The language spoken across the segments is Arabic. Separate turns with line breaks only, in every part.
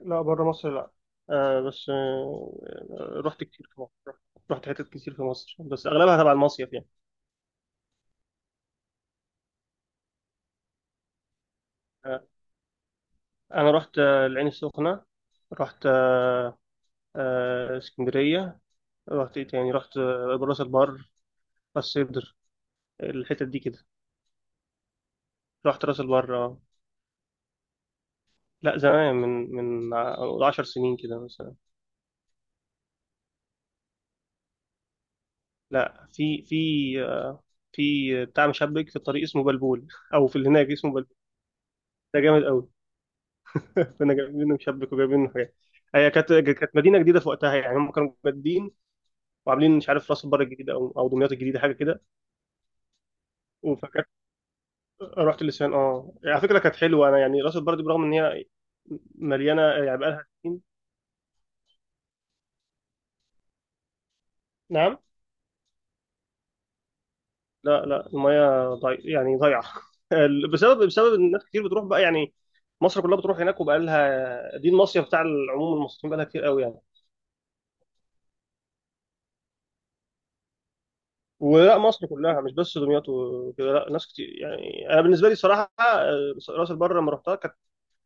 لا بره مصر لا. آه بس آه آه، رحت كتير في مصر. رحت حتت كتير في مصر، بس اغلبها تبع المصيف يعني. آه انا رحت العين السخنه. رحت اسكندريه. رحت ايه تاني؟ رحت راس البر، راس سدر، الحتت دي كده. رحت راس البر آه. لا زمان، 10 سنين كده مثلا. لا في في آه في بتاع مشبك في الطريق اسمه بلبول، او في اللي هناك اسمه بلبول. ده جامد قوي. كنا جايبين مشبك وجايبين حاجات. هي كانت كانت مدينه جديده في وقتها، يعني هم كانوا مجدين وعاملين مش عارف راس البر الجديده او دمياط الجديده، حاجه كده. فكانت رحت لسان، اه على فكره كانت حلوه، انا يعني راس البر دي برغم ان هي مليانه، يعني بقالها سنين. نعم. لا المياه يعني ضايعه. بسبب ان ناس كتير بتروح بقى يعني. مصر كلها بتروح هناك، وبقى لها دي المصيف بتاع العموم، المصريين بقى لها كتير قوي يعني. ولا مصر كلها، مش بس دمياط وكده، لا ناس كتير. يعني انا بالنسبه لي صراحه آه، راس البر لما رحتها كانت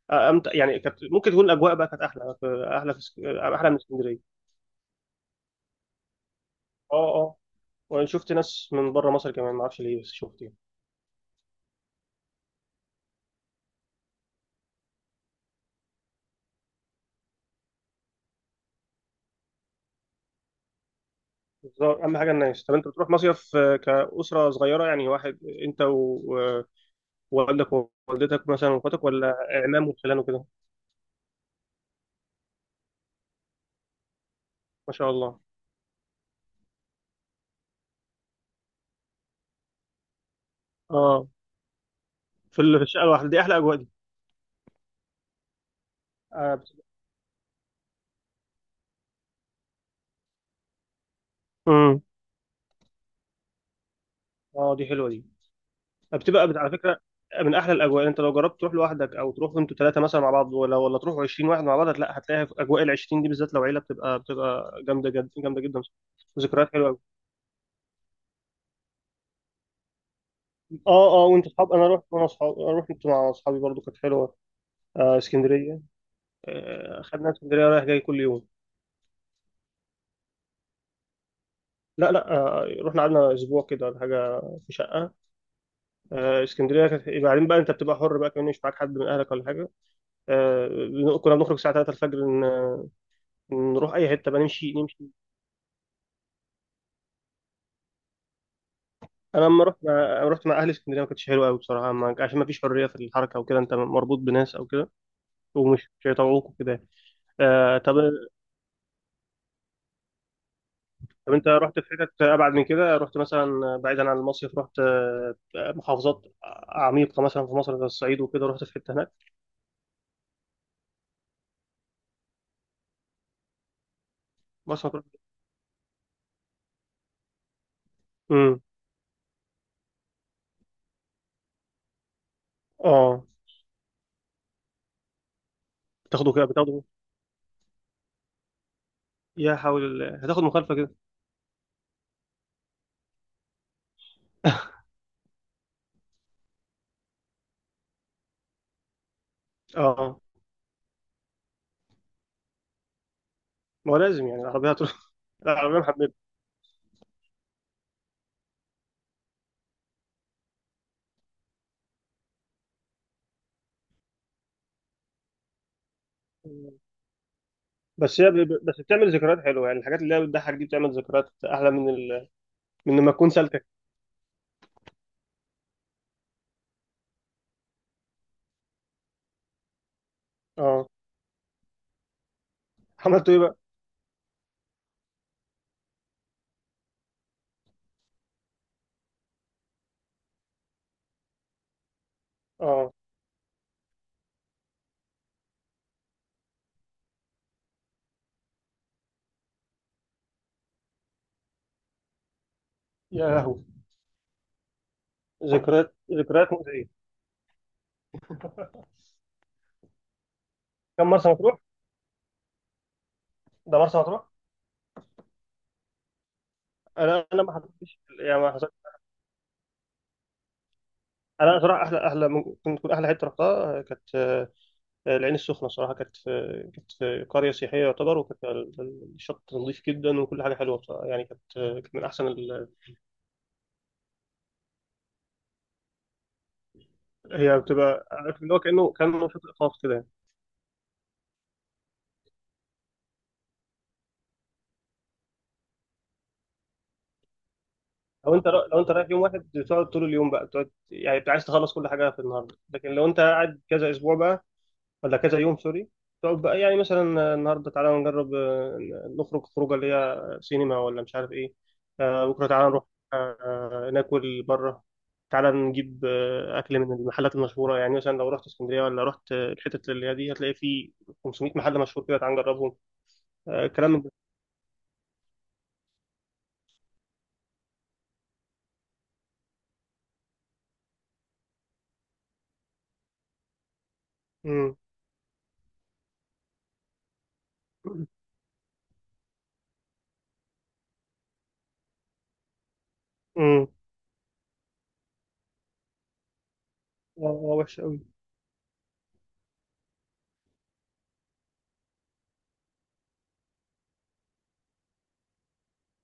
آه، امتع، يعني كانت ممكن تكون الاجواء بقى كانت احلى، احلى من اسكندريه. اه وانا شفت ناس من بره مصر كمان، ما اعرفش ليه، بس شفت يعني. بس هو اهم حاجه الناس. طب انت بتروح مصيف آه، كاسره صغيره يعني، واحد انت و- ووالدك ووالدتك، مثلا، واخواتك، ولا عمام وخلان وكده؟ ما شاء الله. اه، في الشقه الواحده دي احلى اجواء دي. اه بت- مم. آه، دي حلوه دي. على فكره من احلى الاجواء. انت لو جربت تروح لوحدك، او تروح انتوا ثلاثه مثلا مع بعض، ولا تروحوا 20 واحد مع بعض، لا هتلاقي في اجواء ال 20 دي بالذات لو عيله، بتبقى جامده جدا، جامده جدا. ذكريات حلوه قوي. اه وانت اصحاب. انا رحت وانا اصحاب رحت مع اصحابي برضو، كانت حلوه. آه اسكندريه. آه، خدنا اسكندريه رايح جاي كل يوم. لا آه، رحنا قعدنا اسبوع كده ولا حاجه، في شقه. آه اسكندريه كانت، يبقى بعدين بقى انت بتبقى حر بقى، كمان مش معاك حد من اهلك ولا حاجه. آه كنا بنخرج الساعه 3 الفجر نروح اي حته بقى، نمشي نمشي. انا لما رحت مع أنا رحت مع اهلي اسكندريه، ما كانتش حلوه قوي بصراحه، ما... عشان ما فيش حريه في الحركه وكده، انت مربوط بناس او كده، ومش مش هيطوعوك وكده. آه طب طب انت رحت في حتت ابعد من كده؟ رحت مثلا بعيدا عن المصيف؟ رحت آه، محافظات عميقه مثلا في مصر زي الصعيد وكده؟ رحت في حته هناك؟ مرسى مطروح. امم. اه. بتاخده. يا حول الله، هتاخد مخالفه كده. اه، ما هو لازم يعني العربية هتروح. العربية محببة. بس هي ب- ب- بس بتعمل ذكريات حلوة يعني، الحاجات اللي هي بتضحك دي بتعمل ذكريات أحلى من من لما تكون سالكة. اه. عملتوا ايه بقى؟ اه، يا لهوي. ذكريات، ذكريات مؤذية. كم مرسى مطروح؟ ده مرسى مطروح؟ انا ما حضرتش، يعني ما حصل... انا صراحة احلى، احلى ممكن تكون احلى حتة رحتها آه، كانت آه، العين السخنة صراحة، كانت في، كانت في قرية سياحية يعتبر، وكانت الشط نظيف جدا، وكل حاجة حلوة بصراحة يعني، كانت آه، كانت من احسن ال... هي بتبقى، عارف اللي هو، كأنه كأنه شاطئ خاص كده يعني. لو انت رايح يوم واحد، بتقعد طول اليوم بقى، بتقعد يعني، بتبقى عايز تخلص كل حاجة في النهاردة. لكن لو انت قاعد كذا اسبوع بقى، ولا كذا يوم سوري، تقعد بقى، يعني مثلا النهارده تعالى نجرب آه، نخرج خروجه اللي هي سينما، ولا مش عارف ايه. آه، بكره تعالى نروح آه، آه، ناكل بره. تعالى نجيب آه، اكل من المحلات المشهوره، يعني مثلا لو رحت اسكندريه ولا رحت آه، الحتت اللي هي دي، هتلاقي في 500 محل مشهور كده، تعالى نجربهم. آه، كلام من ده. امم. امم. اه آه، وحش قوي.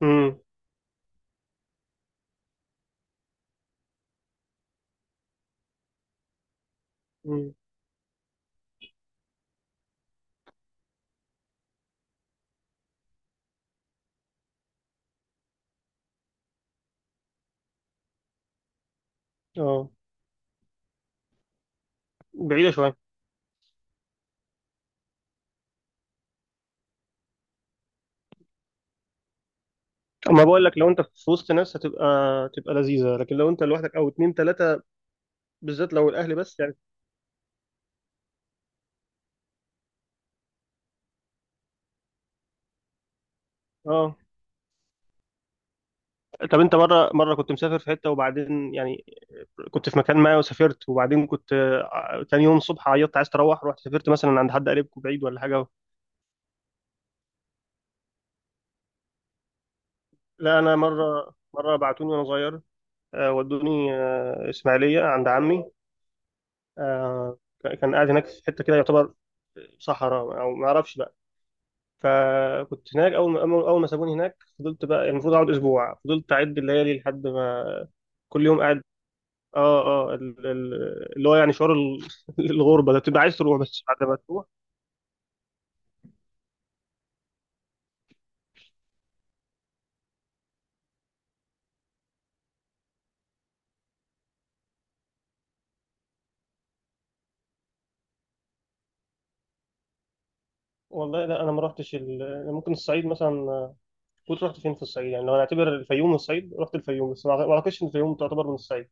امم. امم. اه، بعيده شويه. اما بقول لك، لو انت في وسط ناس، هتبقى تبقى لذيذه، لكن لو انت لوحدك او اتنين تلاته، بالذات لو الاهلي بس يعني. اه. طب انت، مره مره، كنت مسافر في حته، وبعدين يعني كنت في مكان ما وسافرت، وبعدين كنت آه، تاني يوم الصبح عيطت عايز تروح؟ رحت سافرت مثلا عند حد قريبكم بعيد ولا حاجه؟ لا انا مره مره بعتوني وانا صغير، آه، ودوني آه، اسماعيليه عند عمي. آه، كان قاعد هناك في حته كده، يعتبر صحراء او ما اعرفش بقى. فكنت هناك، اول ما اول أول ما سابوني هناك، فضلت بقى، المفروض اقعد اسبوع، فضلت اعد الليالي لحد ما، كل يوم قاعد. اه. اه اللي هو يعني شعور الغربه ده، بتبقى عايز تروح، بس بعد ما تروح. والله لا انا ما رحتش أنا ممكن الصعيد مثلا، كنت رحت فين في الصعيد يعني؟ لو هنعتبر الفيوم من الصعيد، رحت الفيوم، بس ما اعتقدش ان الفيوم تعتبر من الصعيد.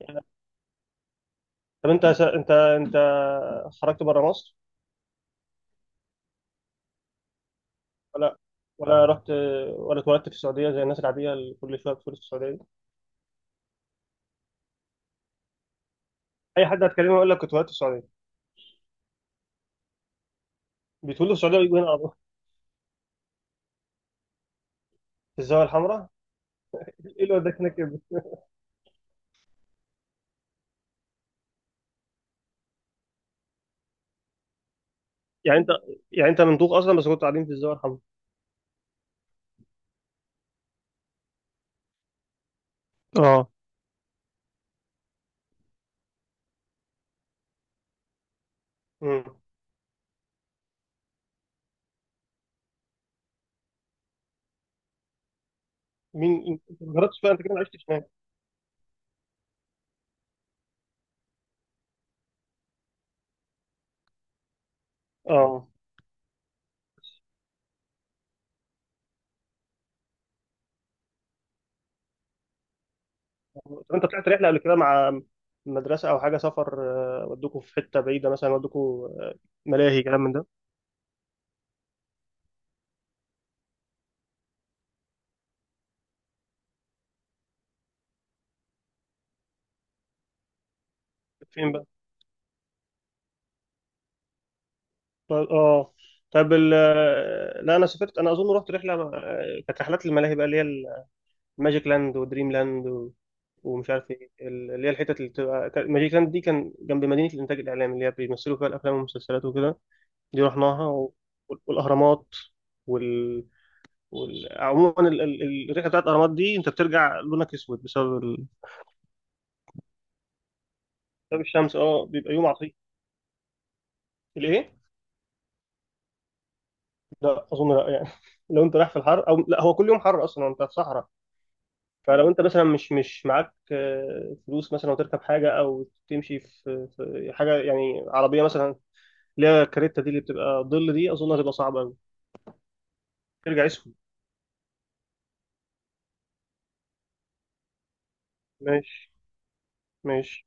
يعني، طب انت انت خرجت بره مصر، ولا ولا رحت، ولا اتولدت في السعوديه زي الناس العاديه اللي كل شويه بتقول في السعوديه دي؟ اي حد هتكلمه يقول لك كنت اتولدت في السعوديه، بيتولد في السعوديه ويجوا هنا على طول. في الزاويه الحمراء؟ ايه اللي وداك هناك يا ابني؟ يعني انت يعني انت مندوب اصلا، بس كنت قاعدين في الزاويه الحمراء. اه. مم. مين؟ انت ما جربتش بقى، انت كده ما عشتش هناك. اه. طب انت طلعت رحله قبل كده مع مدرسه او حاجه سفر، آه، ودوكوا في حته بعيده مثلا، ودوكوا آه، ملاهي، كلام من ده؟ فين بقى؟ طب اه، طب ال آه، لا انا سافرت، انا اظن رحت رحله آه، كانت رحلات الملاهي بقى، اللي هي الماجيك لاند ودريم لاند و... ومش عارف ايه اللي هي الحتت اللي بتبقى ماجيك لاند دي كان جنب مدينه الانتاج الاعلامي اللي هي بيمثلوا فيها الافلام والمسلسلات وكده، دي رحناها و... والاهرامات. عموما الرحله بتاعت الاهرامات دي انت بترجع لونك اسود بسبب بسبب الشمس، اه بيبقى يوم عصيب. الايه؟ لا اظن، لا يعني. لو انت رايح في الحر، او لا هو كل يوم حر اصلا انت في صحراء، فلو انت مثلا مش معاك آه، فلوس مثلا وتركب حاجه، او تمشي في حاجه يعني عربيه مثلا اللي هي الكاريتا دي اللي بتبقى ظل دي، اظن هتبقى صعبه قوي. ترجع اسود. ماشي. ماشي.